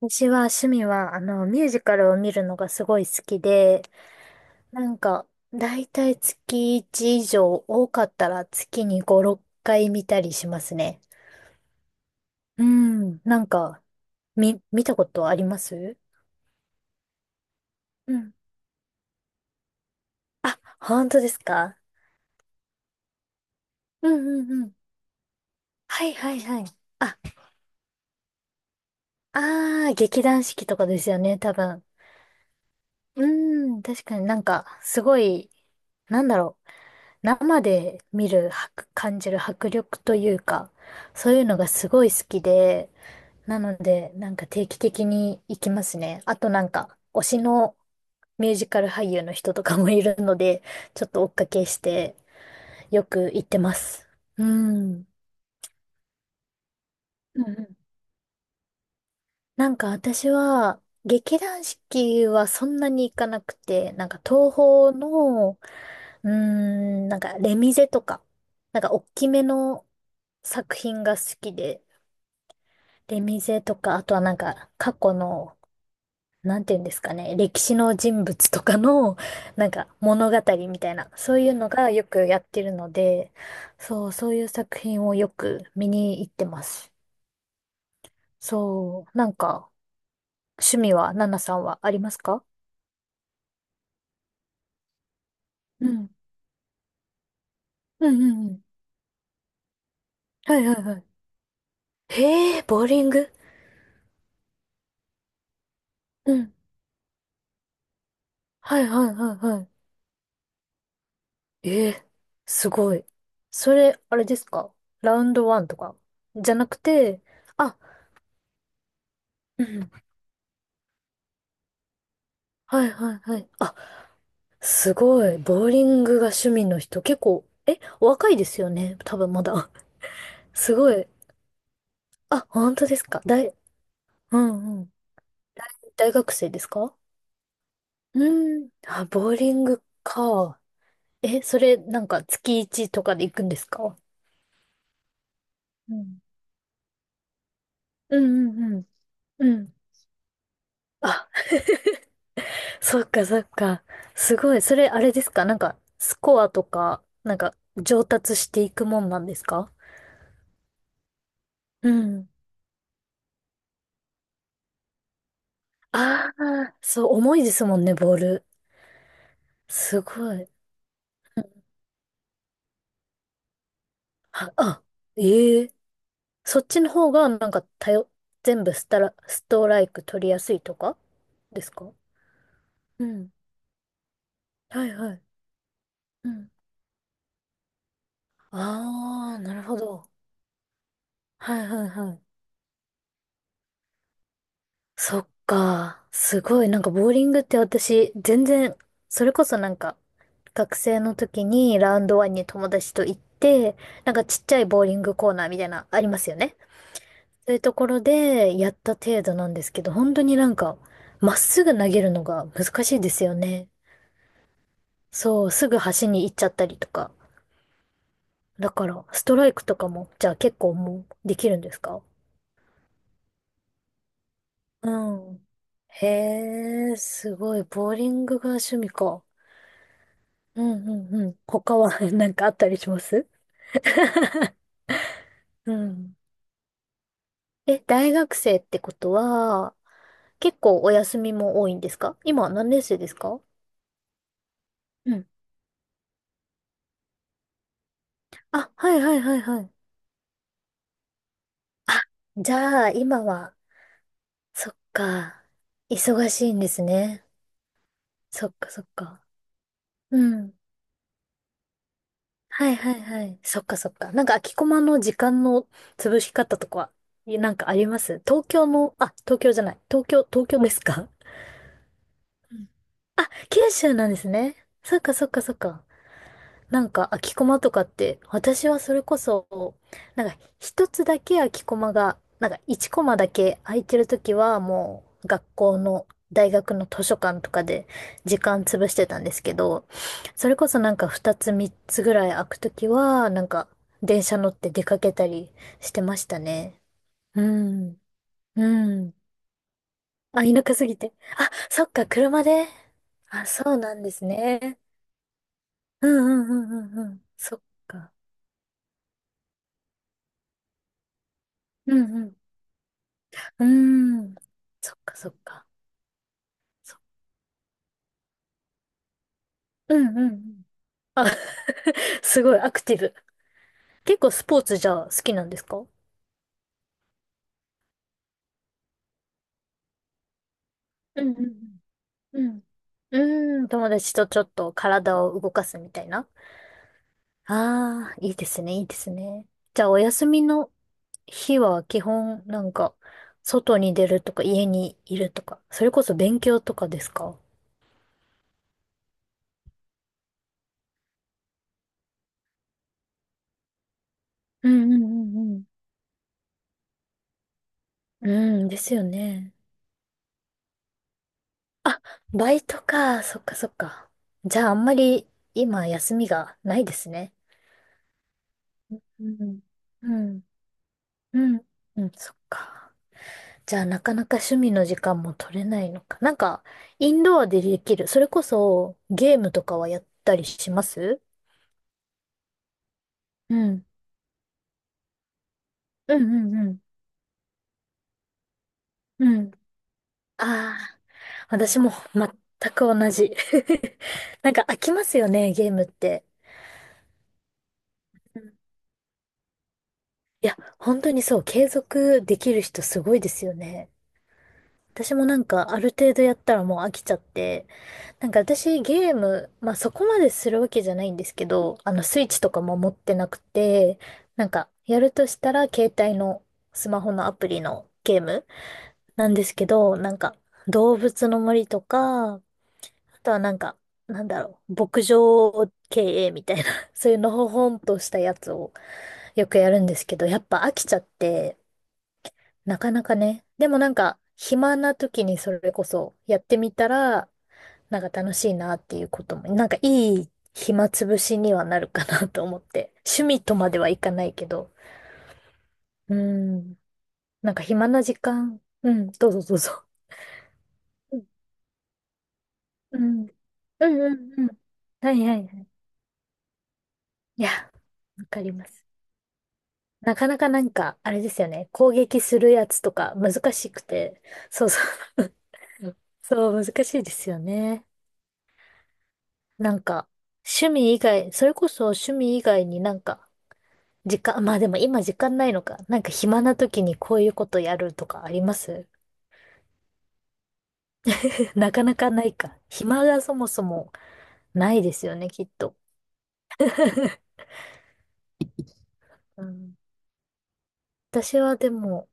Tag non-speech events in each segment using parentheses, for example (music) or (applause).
私は趣味は、ミュージカルを見るのがすごい好きで、なんか、だいたい月1以上、多かったら月に5、6回見たりしますね。うん、見たことあります？うん。本当ですか？うんうんうん。はいはいはい。あ、あー、劇団四季とかですよね、多分。うん、確かにすごい、なんだろう。生で見る、迫感じる迫力というか、そういうのがすごい好きで、なので、定期的に行きますね。あと推しのミュージカル俳優の人とかもいるので、ちょっと追っかけして、よく行ってます。うん。うんうん。私は、劇団四季はそんなに行かなくて、東宝の、うーん、レミゼとか、大きめの作品が好きで、出店とか、あとは過去の、なんていうんですかね、歴史の人物とかの、(laughs) 物語みたいな、そういうのがよくやってるので、そう、そういう作品をよく見に行ってます。そう、趣味は、ナナさんはありますか？うん。うんうんうん。はいはいはい。へえ、ボーリング。うん。はいはいはいはい。ええ、すごい。それ、あれですか？ラウンドワンとかじゃなくて、あ、うん。はいはいはい。あ、すごい。ボーリングが趣味の人、結構、え、お若いですよね。多分まだ。(laughs) すごい。あ、本当ですか。大、うんうん。大学生ですか？うん。あ、ボーリングか。え、それ、月1とかで行くんですか？うん。うんうんうん。うん。あ、そっかそっか。すごい。それ、あれですか？スコアとか、上達していくもんなんですか？うん。ああ、そう、重いですもんね、ボール。すごい。はあ、あ、ええ。そっちの方が、全部スタラ、ストライク取りやすいとかですか？うん。はいはい。うん。ああ、なるほど。はいはいはい。そっか。すごい。ボーリングって私、全然、それこそ学生の時にラウンドワンに友達と行って、ちっちゃいボーリングコーナーみたいな、ありますよね。そういうところでやった程度なんですけど、本当にまっすぐ投げるのが難しいですよね。そう、すぐ端に行っちゃったりとか。だから、ストライクとかも、じゃあ結構もうできるんですか？うん。へえ、すごい。ボーリングが趣味か。うんうんうん。他は (laughs) なんかあったりします？うん。え、大学生ってことは、結構お休みも多いんですか？今何年生ですか？うん。あ、はいはいはいはい。あ、じゃあ、今は、そっか。忙しいんですね。そっかそっか。うん。はいはいはい。そっかそっか。空きコマの時間の潰し方とかは、い、なんかあります？東京の、あ、東京じゃない。東京、東京ですか？うん。あ、九州なんですね。そっかそっかそっか。空きコマとかって、私はそれこそ、一つだけ空きコマが、一コマだけ空いてるときはもう学校の大学の図書館とかで時間潰してたんですけど、それこそ二つ三つぐらい空くときは、電車乗って出かけたりしてましたね。うん。うん。あ、田舎すぎて。あ、そっか、車で。あ、そうなんですね。うんうんうんうんうん。そっか。うんうん。うーん。そっかそっか。そう。んうんうん。あ、(laughs) すごいアクティブ。結構スポーツじゃあ好きなんですか？うんうんうん。うん。うーん、友達とちょっと体を動かすみたいな。ああ、いいですね、いいですね。じゃあお休みの日は基本外に出るとか家にいるとか、それこそ勉強とかですか？うんうんうんうん。うん、ですよね。あ、バイトか。そっかそっか。じゃああんまり今休みがないですね。うん。うん。うん。うん、そっか。じゃあなかなか趣味の時間も取れないのか。インドアでできる。それこそゲームとかはやったりします？うん。うんうんうん。うん。ああ、私も全く同じ。(laughs) なんか飽きますよね、ゲームって。うん。いや、本当にそう、継続できる人すごいですよね。私もなんかある程度やったらもう飽きちゃって、私ゲーム、まあそこまでするわけじゃないんですけど、あのスイッチとかも持ってなくて、やるとしたら携帯のスマホのアプリのゲームなんですけど、動物の森とか、あとはなんだろう、牧場経営みたいな、(laughs) そういうのほほんとしたやつをよくやるんですけど、やっぱ飽きちゃって、なかなかね。でも暇な時にそれこそやってみたら、なんか楽しいなっていうことも、なんかいい暇つぶしにはなるかなと思って。趣味とまではいかないけど。うん。なんか暇な時間。うん。どうぞどうぞ。うんうん。うんうんうん。はいはいはい。いや、わかります。なかなかあれですよね。攻撃するやつとか難しくて。そうそう。(laughs) そう、難しいですよね。なんか、趣味以外、それこそ趣味以外に時間、(laughs) まあでも今時間ないのか。なんか暇な時にこういうことやるとかあります？ (laughs) なかなかないか。暇がそもそもないですよね、きっと。(laughs) うん、私はでも、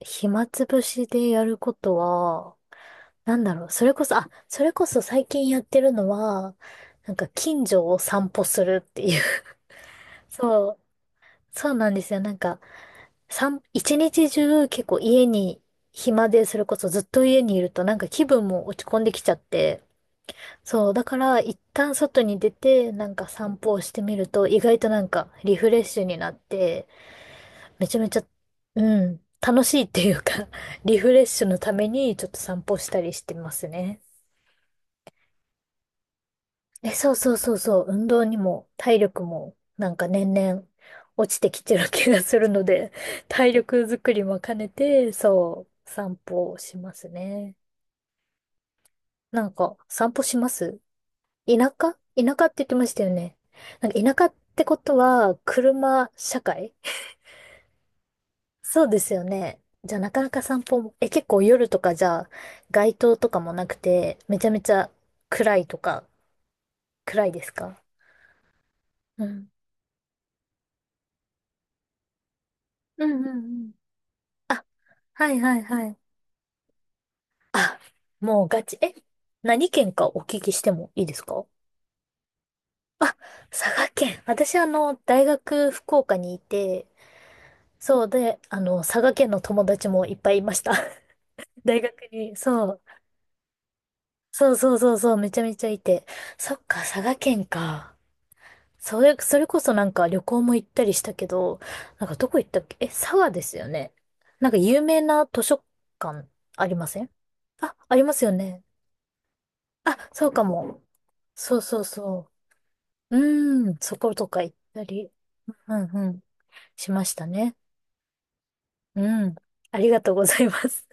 暇つぶしでやることは、なんだろう、それこそ、あ、それこそ最近やってるのは、近所を散歩するっていう。(laughs) そう、そうなんですよ。一日中結構家に暇で、それこそずっと家にいると気分も落ち込んできちゃって。そう、だから一旦外に出て散歩をしてみると意外とリフレッシュになって、めちゃめちゃ、うん、楽しいっていうか (laughs) リフレッシュのためにちょっと散歩したりしてますね。え、そうそうそうそう、運動にも体力も年々落ちてきてる気がするので、体力づくりも兼ねて、そう、散歩をしますね。散歩します？田舎、田舎って言ってましたよね。なんか田舎ってことは、車社会。 (laughs) そうですよね。じゃあなかなか散歩も、え、結構夜とかじゃあ、街灯とかもなくて、めちゃめちゃ暗いとか、暗いですか？うん。うんうんうん。あ、はいはいはい。あ、もうガチ。え、何県かお聞きしてもいいですか？あ、佐賀県。私あの、大学福岡にいて、そうで、あの、佐賀県の友達もいっぱいいました。(laughs) 大学に、そう。そうそうそうそう、めちゃめちゃいて。そっか、佐賀県か。それ、それこそ旅行も行ったりしたけど、なんかどこ行ったっけ、え、佐賀ですよね。なんか有名な図書館ありません？あ、ありますよね。あ、そうかも。そうそうそう。うん、そことか行ったり、うんうん、しましたね。うん。ありがとうございます。